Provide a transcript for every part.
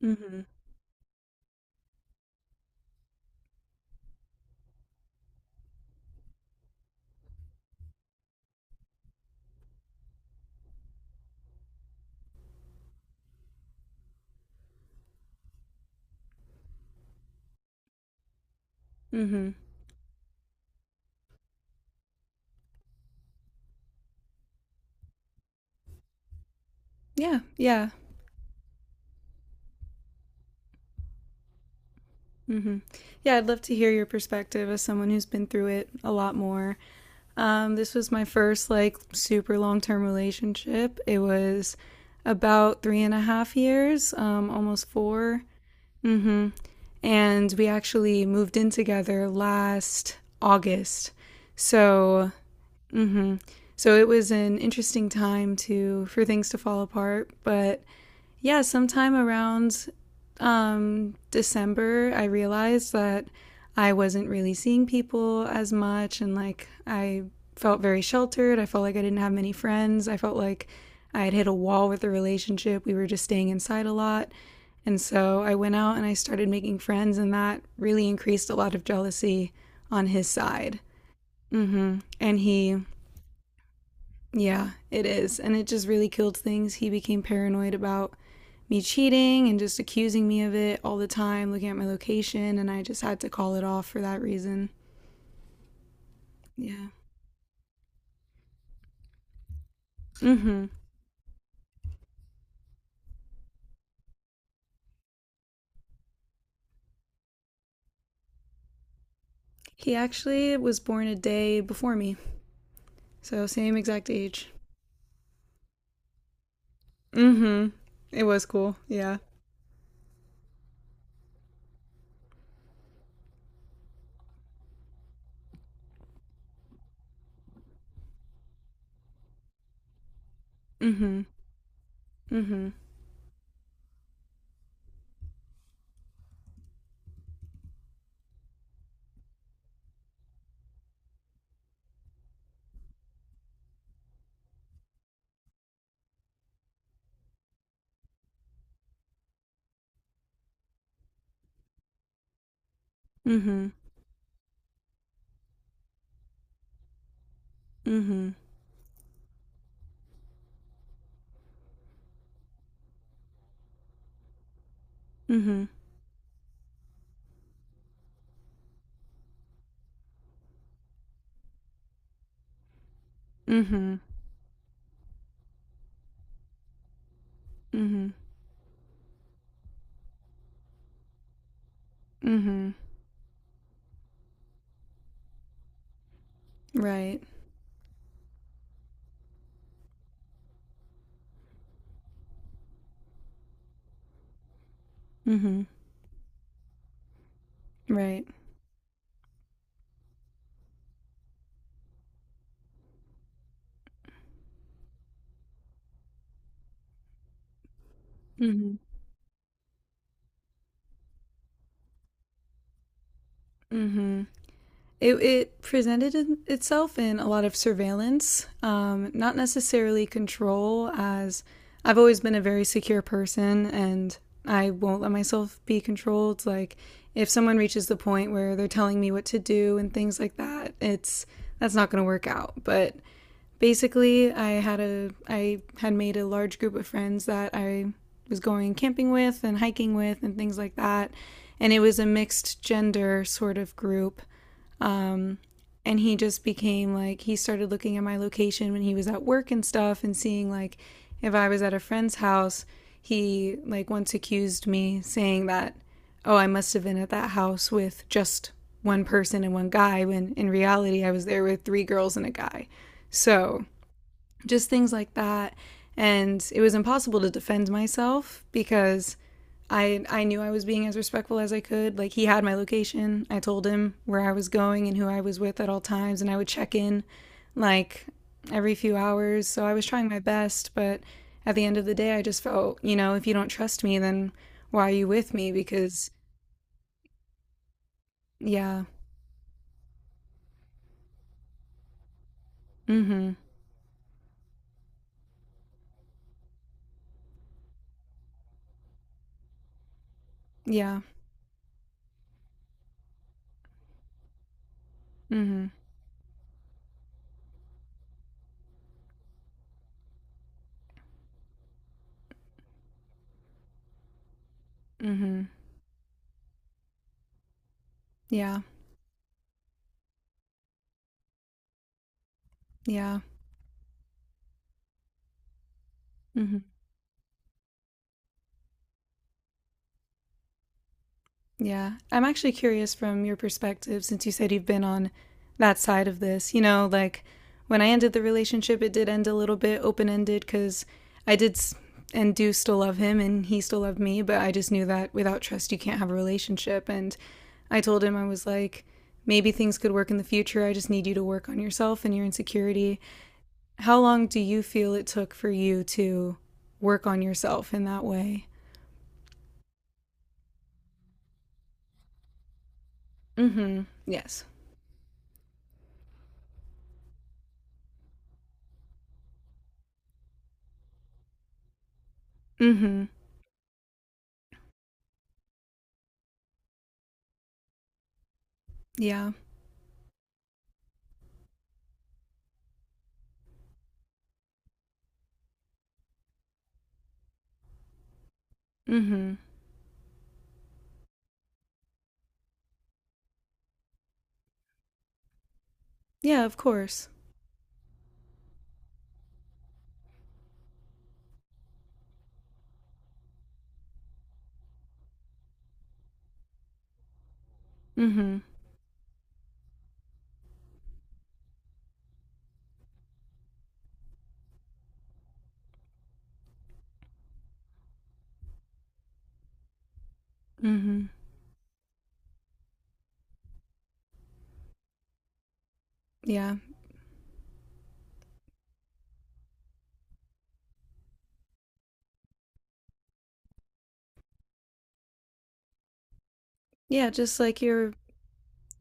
Mhm. Mhm. Yeah, yeah. Mhm. Yeah, I'd love to hear your perspective as someone who's been through it a lot more. This was my first like super long-term relationship. It was about three and a half years, almost four. Mm-hmm. And we actually moved in together last August. So, mm-hmm, so it was an interesting time to for things to fall apart, but yeah, sometime around December, I realized that I wasn't really seeing people as much. And like, I felt very sheltered. I felt like I didn't have many friends. I felt like I had hit a wall with the relationship. We were just staying inside a lot. And so I went out and I started making friends, and that really increased a lot of jealousy on his side. Mm-hmm. And he yeah, it is. And it just really killed things. He became paranoid about me cheating and just accusing me of it all the time, looking at my location, and I just had to call it off for that reason. Yeah. Mm-hmm. He actually was born a day before me, so same exact age. Mm-hmm. It was cool. Yeah. Mm-hmm. Mm-hmm. Mm-hmm. Mm-hmm. Mm-hmm. Mm-hmm. Mm-hmm. Mm-hmm. Right. Mm-hmm. Right. Mm-hmm. It presented itself in a lot of surveillance, not necessarily control, as I've always been a very secure person and I won't let myself be controlled. Like, if someone reaches the point where they're telling me what to do and things like that, it's that's not going to work out. But basically, I had made a large group of friends that I was going camping with and hiking with and things like that. And it was a mixed gender sort of group, and he just became like he started looking at my location when he was at work and stuff and seeing like if I was at a friend's house, he like once accused me saying that oh, I must have been at that house with just one person and one guy when in reality I was there with three girls and a guy. So, just things like that, and it was impossible to defend myself because I knew I was being as respectful as I could. Like he had my location. I told him where I was going and who I was with at all times and I would check in like every few hours. So I was trying my best, but at the end of the day I just felt, you know, if you don't trust me then why are you with me, because yeah. Mhm. Yeah. Mhm. Mhm. Yeah. Yeah. Mhm. Yeah. I'm actually curious from your perspective, since you said you've been on that side of this. You know, like when I ended the relationship, it did end a little bit open ended because I did and do still love him and he still loved me, but I just knew that without trust, you can't have a relationship. And I told him, I was like, maybe things could work in the future. I just need you to work on yourself and your insecurity. How long do you feel it took for you to work on yourself in that way? Mm hmm. Yes. Mm hmm. Yeah. Mm hmm. Yeah, of course. Mhm. Mhm. Yeah. Yeah, just like your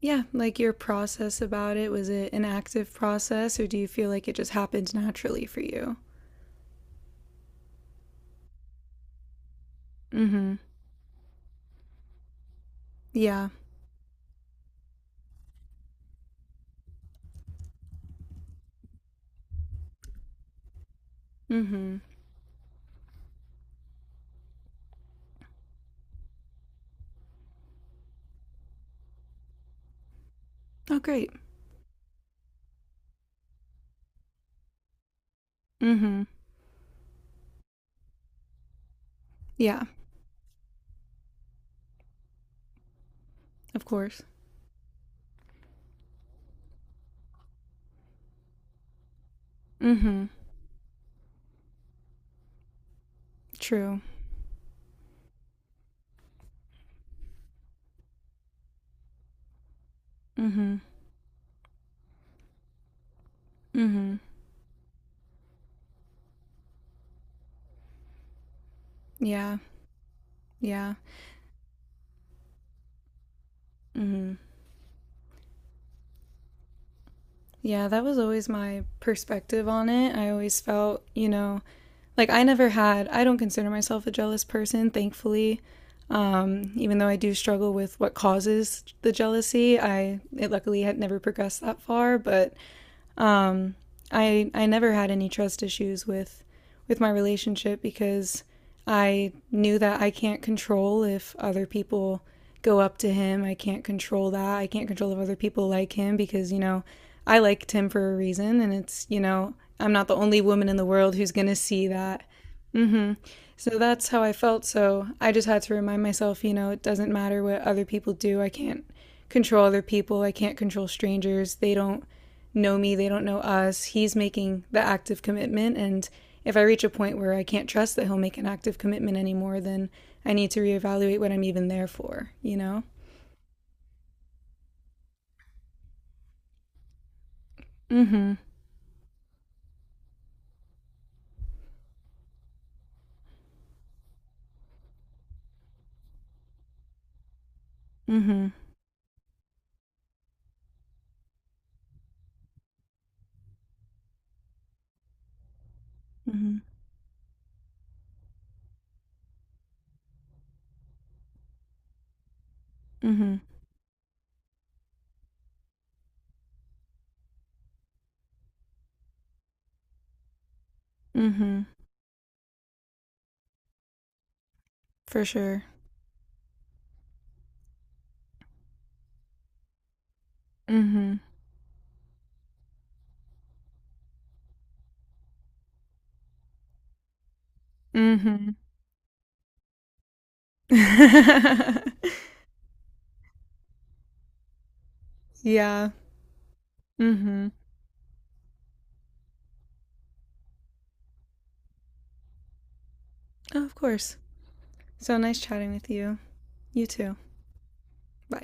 yeah, like your process about it, was it an active process or do you feel like it just happened naturally for you? Mhm. Yeah. Mhm. Oh, great. Mhm. Yeah, of course. Mhm. True. Mhm. Mhm. Yeah. Yeah. Mhm. Yeah, that was always my perspective on it. I always felt, you know, like, I never had, I don't consider myself a jealous person, thankfully. Even though I do struggle with what causes the jealousy, I it luckily had never progressed that far, but um, I never had any trust issues with my relationship because I knew that I can't control if other people go up to him. I can't control that. I can't control if other people like him because, you know, I liked him for a reason and it's, you know, I'm not the only woman in the world who's going to see that, so that's how I felt. So I just had to remind myself, you know, it doesn't matter what other people do. I can't control other people. I can't control strangers. They don't know me. They don't know us. He's making the active commitment. And if I reach a point where I can't trust that he'll make an active commitment anymore, then I need to reevaluate what I'm even there for, you know? Mm hmm. Mm hmm. Mm hmm. Mm hmm. Mm hmm. For sure. Mm hmm. Mm hmm. yeah. Mm hmm. Oh, of course. So nice chatting with you. You too. Bye.